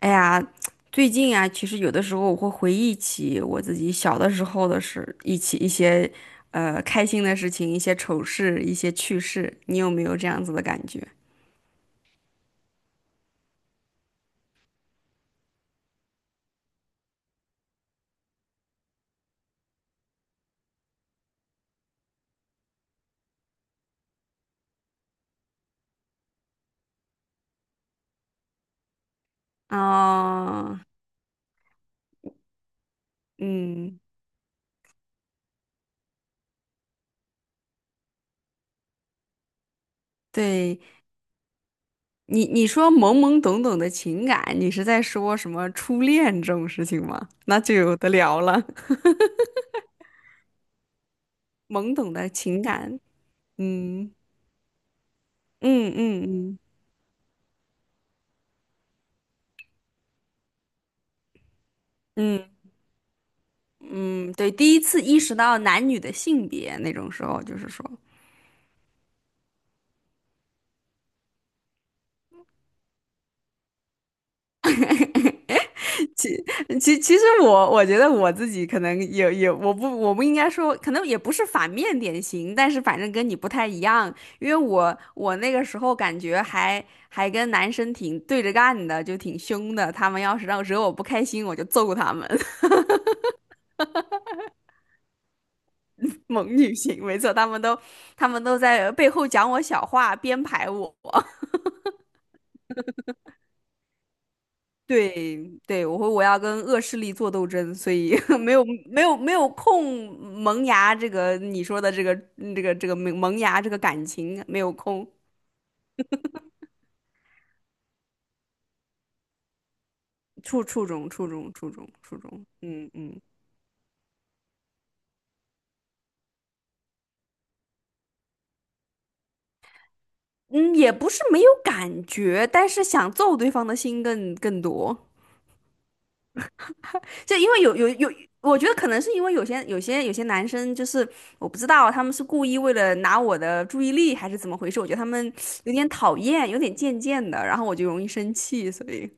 哎呀，最近啊，其实有的时候我会回忆起我自己小的时候的事，一些开心的事情，一些丑事，一些趣事。你有没有这样子的感觉？啊？嗯，对，你说懵懵懂懂的情感，你是在说什么初恋这种事情吗？那就有的聊了，懵懂的情感，嗯嗯嗯嗯嗯嗯，对，第一次意识到男女的性别那种时候，就是说。其实我觉得我自己可能也也我不我不应该说，可能也不是反面典型，但是反正跟你不太一样，因为我那个时候感觉还跟男生挺对着干的，就挺凶的。他们要是让惹我不开心，我就揍他们，猛女型，没错，他们都在背后讲我小话，编排我。对对，我要跟恶势力做斗争，所以 没有空。萌芽这个你说的这个这个萌芽这个感情没有空，初中，嗯嗯。嗯，也不是没有感觉，但是想揍对方的心更多。就因为有，我觉得可能是因为有些男生就是我不知道他们是故意为了拿我的注意力还是怎么回事，我觉得他们有点讨厌，有点贱贱的，然后我就容易生气，所以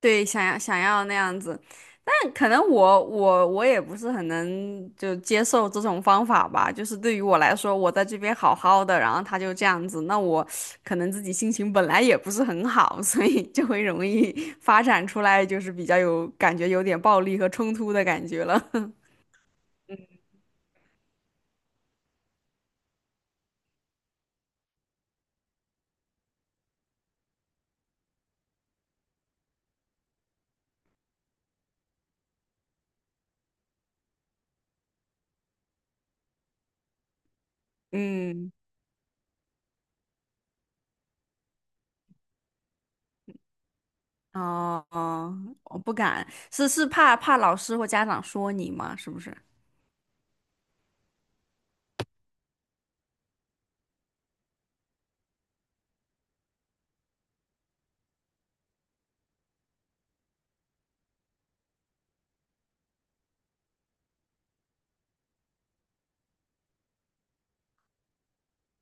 对想要想要那样子。但可能我也不是很能就接受这种方法吧，就是对于我来说，我在这边好好的，然后他就这样子，那我可能自己心情本来也不是很好，所以就会容易发展出来就是比较有感觉有点暴力和冲突的感觉了。嗯，哦哦，我不敢，是是怕老师或家长说你吗？是不是？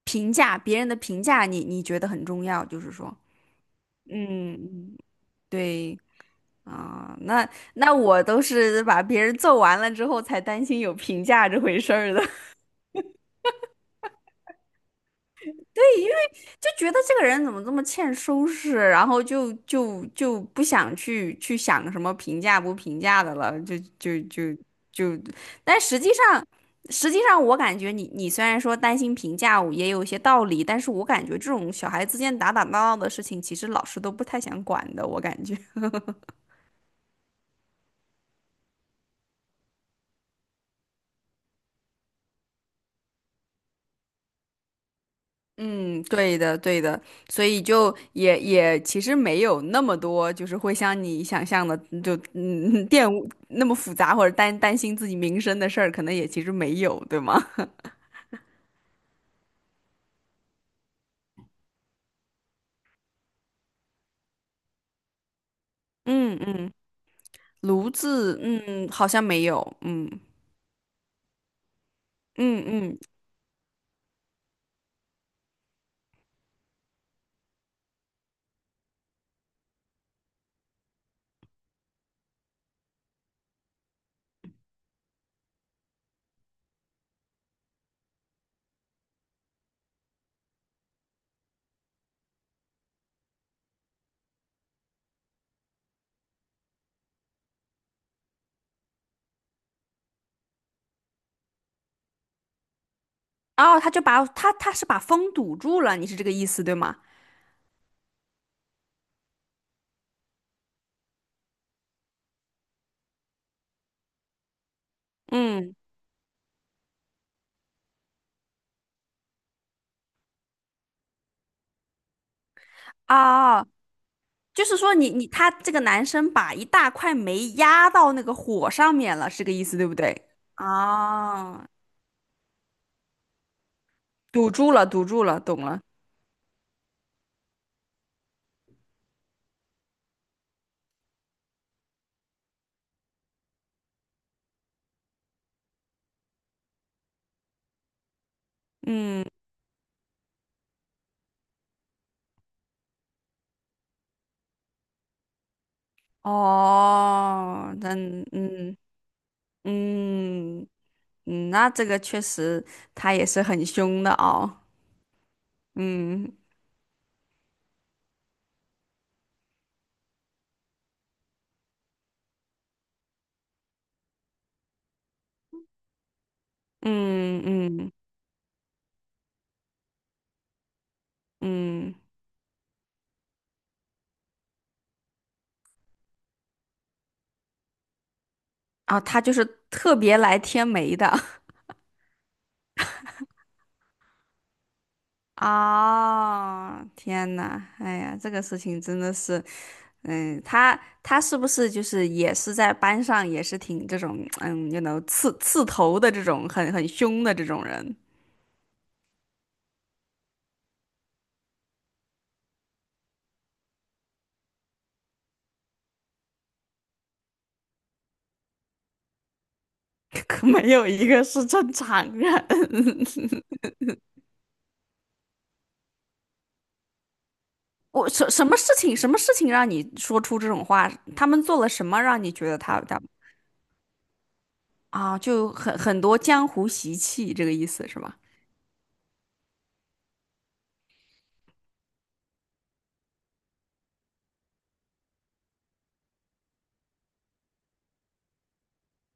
评价别人的评价你，你觉得很重要，就是说，嗯。对啊，那我都是把别人揍完了之后才担心有评价这回事儿的。对，因为就觉得这个人怎么这么欠收拾，然后就不想去想什么评价不评价的了，就，但实际上。实际上，我感觉你虽然说担心评价也有一些道理，但是我感觉这种小孩之间打打闹闹的事情，其实老师都不太想管的，我感觉。嗯，对的，对的，所以就也其实没有那么多，就是会像你想象的，就嗯玷污那么复杂，或者担心自己名声的事儿，可能也其实没有，对吗？嗯嗯，炉子，嗯，好像没有，嗯嗯嗯。哦，他就把他是把风堵住了，你是这个意思对吗？嗯，哦，就是说你你他这个男生把一大块煤压到那个火上面了，是这个意思对不对？啊，堵住了，堵住了，懂了。嗯，哦，那嗯嗯嗯，那这个确实他也是很凶的哦。嗯嗯嗯嗯，啊，他就是特别来添煤的。啊、天呐，哎呀，这个事情真的是，嗯，他他是不是就是也是在班上也是挺这种，嗯，you know，刺头的这种很凶的这种人？可没有一个是正常人。我什么事情，什么事情让你说出这种话？他们做了什么让你觉得他啊，就很多江湖习气，这个意思是吧？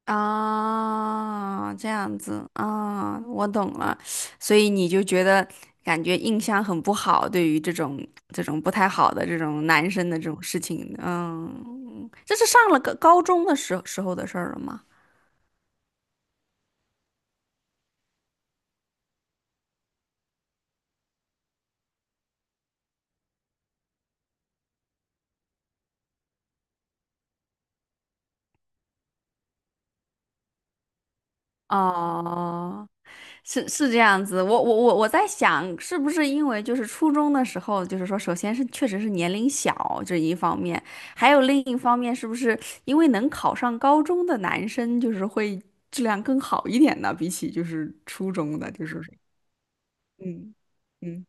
啊，这样子啊，我懂了。所以你就觉得感觉印象很不好，对于这种这种不太好的这种男生的这种事情，嗯，这是上了个高中的时候的事儿了吗？哦、是是这样子，我在想，是不是因为就是初中的时候，就是说，首先是确实是年龄小这一方面，还有另一方面，是不是因为能考上高中的男生，就是会质量更好一点呢？比起就是初中的，就是嗯嗯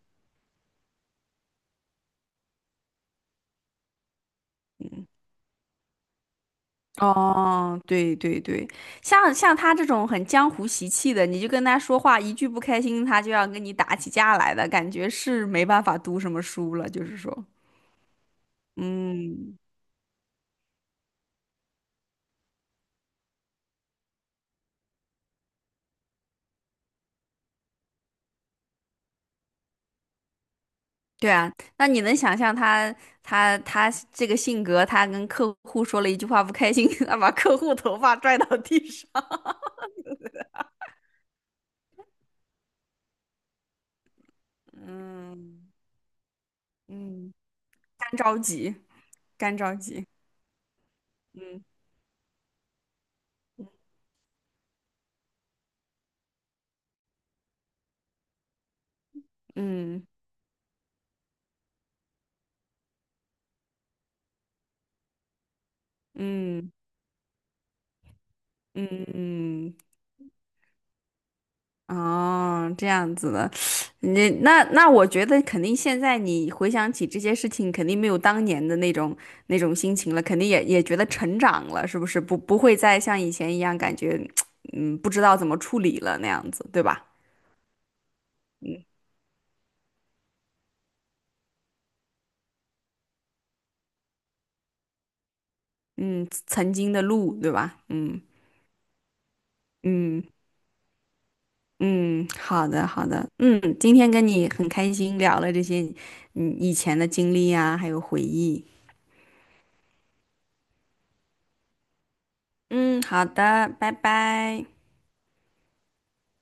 嗯。哦，对对对，像像他这种很江湖习气的，你就跟他说话一句不开心，他就要跟你打起架来的感觉，是没办法读什么书了，就是说。嗯，对啊，那你能想象他这个性格，他跟客户说了一句话不开心，他把客户头发拽到地上。嗯嗯，干着急。嗯嗯嗯嗯嗯，哦，这样子的，你我觉得肯定现在你回想起这些事情，肯定没有当年的那种那种心情了，肯定也觉得成长了，是不是？不会再像以前一样感觉，嗯，不知道怎么处理了那样子，对吧？嗯，曾经的路，对吧？嗯嗯嗯，好的好的，嗯，今天跟你很开心聊了这些，嗯，以前的经历啊，还有回忆。嗯，好的，拜拜。